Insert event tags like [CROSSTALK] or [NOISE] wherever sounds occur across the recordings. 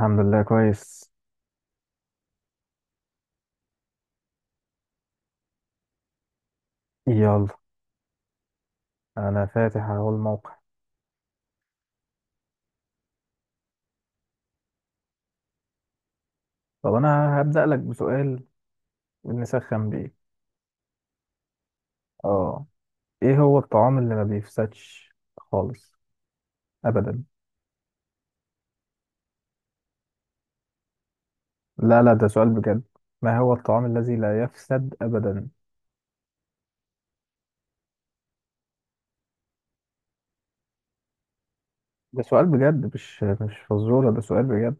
الحمد لله كويس. يلا انا فاتح اهو الموقع. طب انا هبدأ لك بسؤال نسخن بيه. اه، ايه هو الطعام اللي ما بيفسدش خالص؟ ابدا. لا لا، ده سؤال بجد. ما هو الطعام الذي لا يفسد ابدا؟ ده سؤال بجد، مش فزورة، ده سؤال بجد.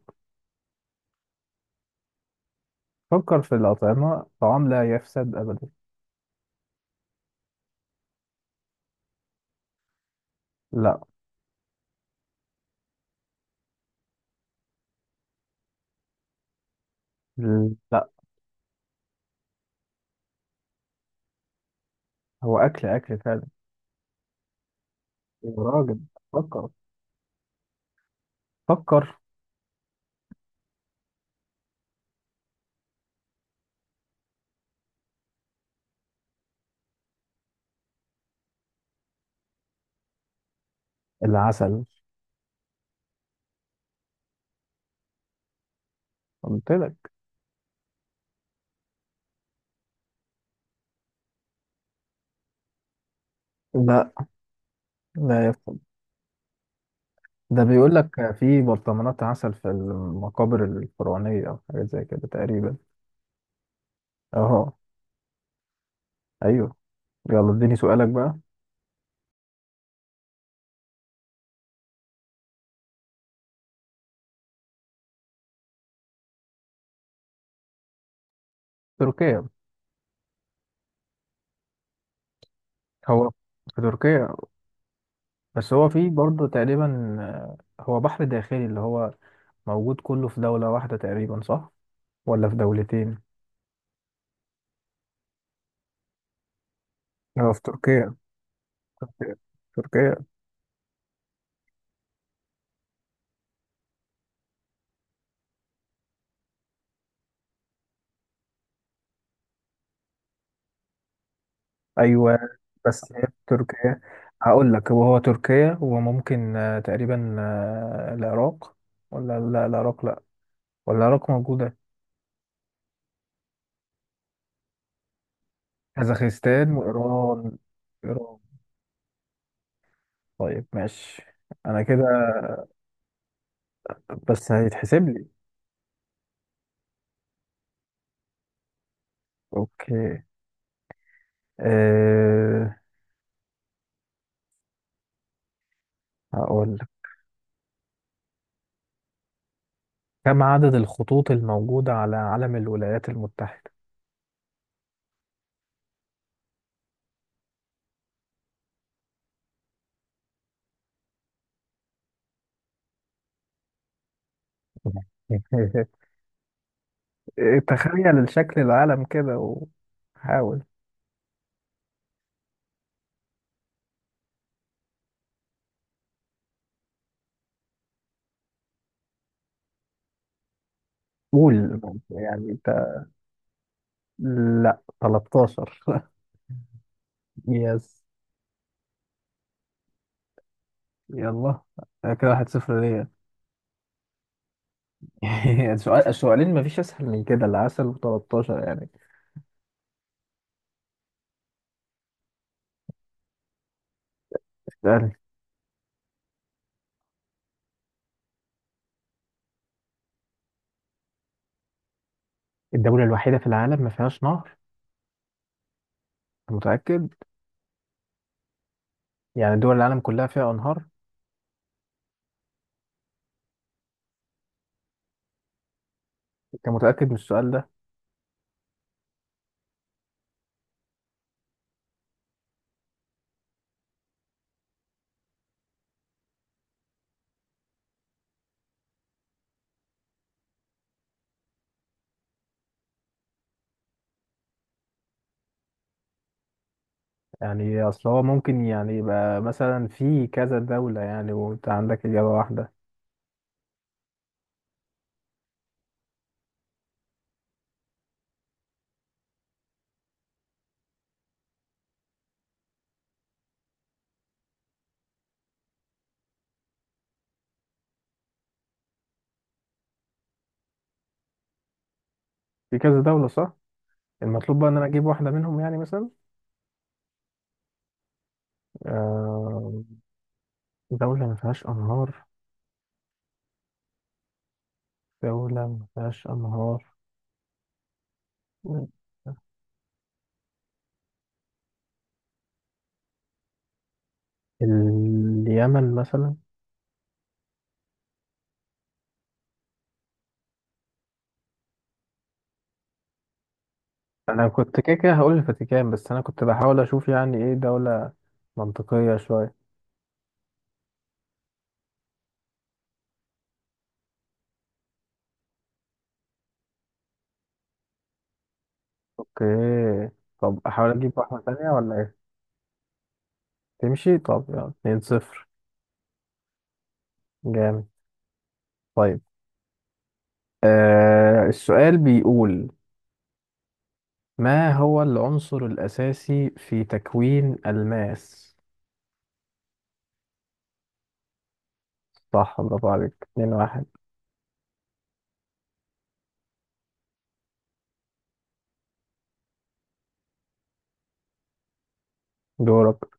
فكر في الأطعمة، طعام لا يفسد ابدا. لا. لا، هو اكل، اكل فعلا. يا راجل، فكر، فكر. العسل. قلت لك. لا، لا يفسد. ده بيقول لك في برطمانات عسل في المقابر الفرعونية أو حاجات زي كده تقريبا. أهو. أيوه. يلا اديني سؤالك بقى. تركيا. هو في تركيا. بس هو في برضه تقريبا. هو بحر داخلي، اللي هو موجود كله في دولة واحدة تقريبا، صح؟ ولا في دولتين؟ هو في تركيا، تركيا، تركيا. أيوه. بس هي في تركيا. هقول لك هو هو تركيا، وممكن تقريبا العراق. ولا لا، العراق لا. ولا العراق موجودة. كازاخستان وإيران. إيران. طيب ماشي، أنا كده، بس هيتحسب لي. أوكي. أه... هقول لك، كم عدد الخطوط الموجودة على علم الولايات المتحدة؟ [LAUGHS] تخيل الشكل العالم كده وحاول. قول. يعني أنت. لا، 13. [LAUGHS] يس. يلا، كده 1-0 ليا. [LAUGHS] السؤال، السؤالين، مفيش أسهل من كده، العسل و13 يعني. الدولة الوحيدة في العالم ما فيهاش نهر؟ أنت متأكد؟ يعني دول العالم كلها فيها أنهار؟ أنت متأكد من السؤال ده؟ يعني أصل هو ممكن يعني يبقى مثلا في كذا دولة يعني، وأنت عندك إجابة واحدة. في كذا دولة، صح. المطلوب بقى إن أنا أجيب واحدة منهم، يعني مثلا آه، دولة ما فيهاش أنهار، دولة ما فيهاش أنهار. اليمن مثلا. أنا كنت كده كده هقول الفاتيكان، بس أنا كنت بحاول أشوف يعني إيه دولة منطقية شوية. اوكي. طب احاول اجيب واحدة تانية ولا ايه؟ تمشي. طب يلا، 2-0. جامد. طيب، آه، السؤال بيقول، ما هو العنصر الأساسي في تكوين الماس؟ صح، برافو عليك، 2-1. دورك.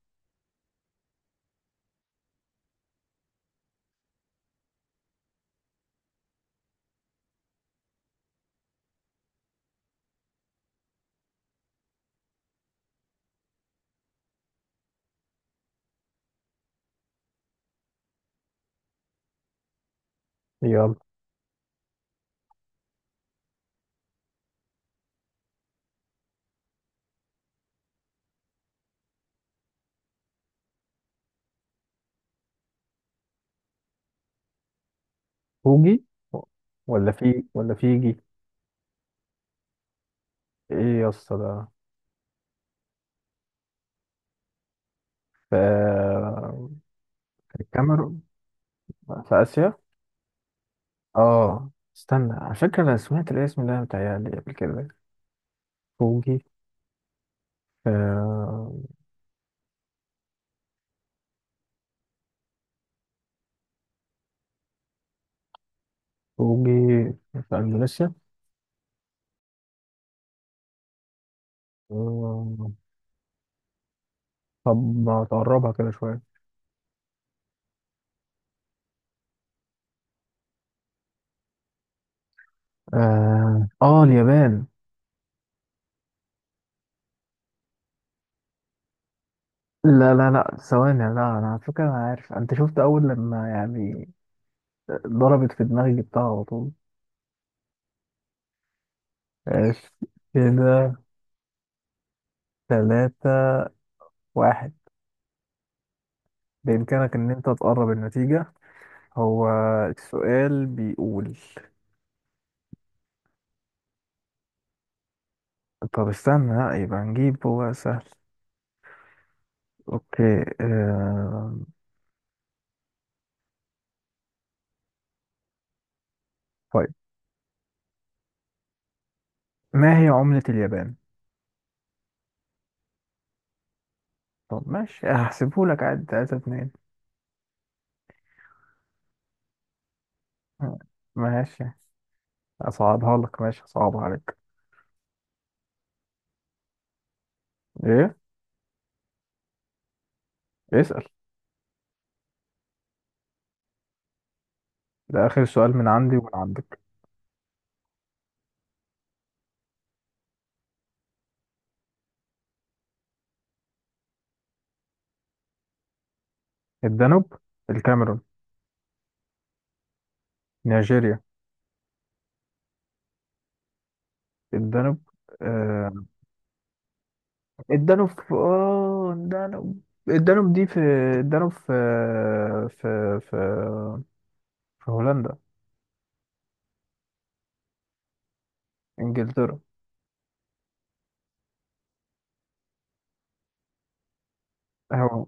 يلا. فوجي. ولا في ولا فيجي؟ ايه يا اسطى ده. في. في الكاميرون. في آسيا. اه. استنى، على فكرة، انا سمعت الاسم ده متهيألي قبل كده. فوجي. آه. فوجي في اندونيسيا. آه، طب ما تقربها كده شويه. اه اليابان. لا لا لا، ثواني، لا، انا على فكره انا عارف. انت شفت اول لما يعني ضربت في دماغي، جبتها على طول. ماشي. كده 3-1. بإمكانك إن أنت تقرب النتيجة. هو السؤال بيقول، طب استنى لا، يبقى نجيب، هو سهل. أوكي. طيب، ما هي عملة اليابان؟ طب ماشي، هحسبهولك عادي، 3-2. ماشي. أصعبها لك، ماشي، أصعبها عليك. إيه؟ اسأل. ده آخر سؤال من عندي ومن عندك. الدانوب. الكاميرون. نيجيريا. الدانوب. آه. الدانوب، الدانوب دي في، الدانوب في، في في في هولندا. إنجلترا. أهو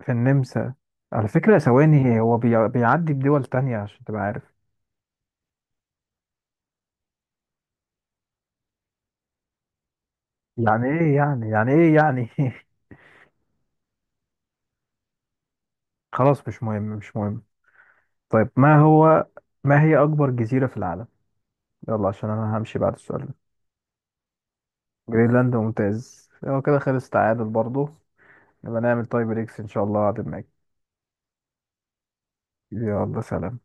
في النمسا. على فكرة ثواني، هو بيعدي بدول تانية عشان تبقى عارف. يعني إيه يعني، يعني إيه يعني. [LAUGHS] خلاص، مش مهم، مش مهم. طيب، ما هي أكبر جزيرة في العالم؟ يلا عشان أنا همشي بعد السؤال ده. جرينلاند، ممتاز. هو كده خلص تعادل برضو، نبقى نعمل تاي بريكس إن شاء الله هعدل معاك. يلا سلام.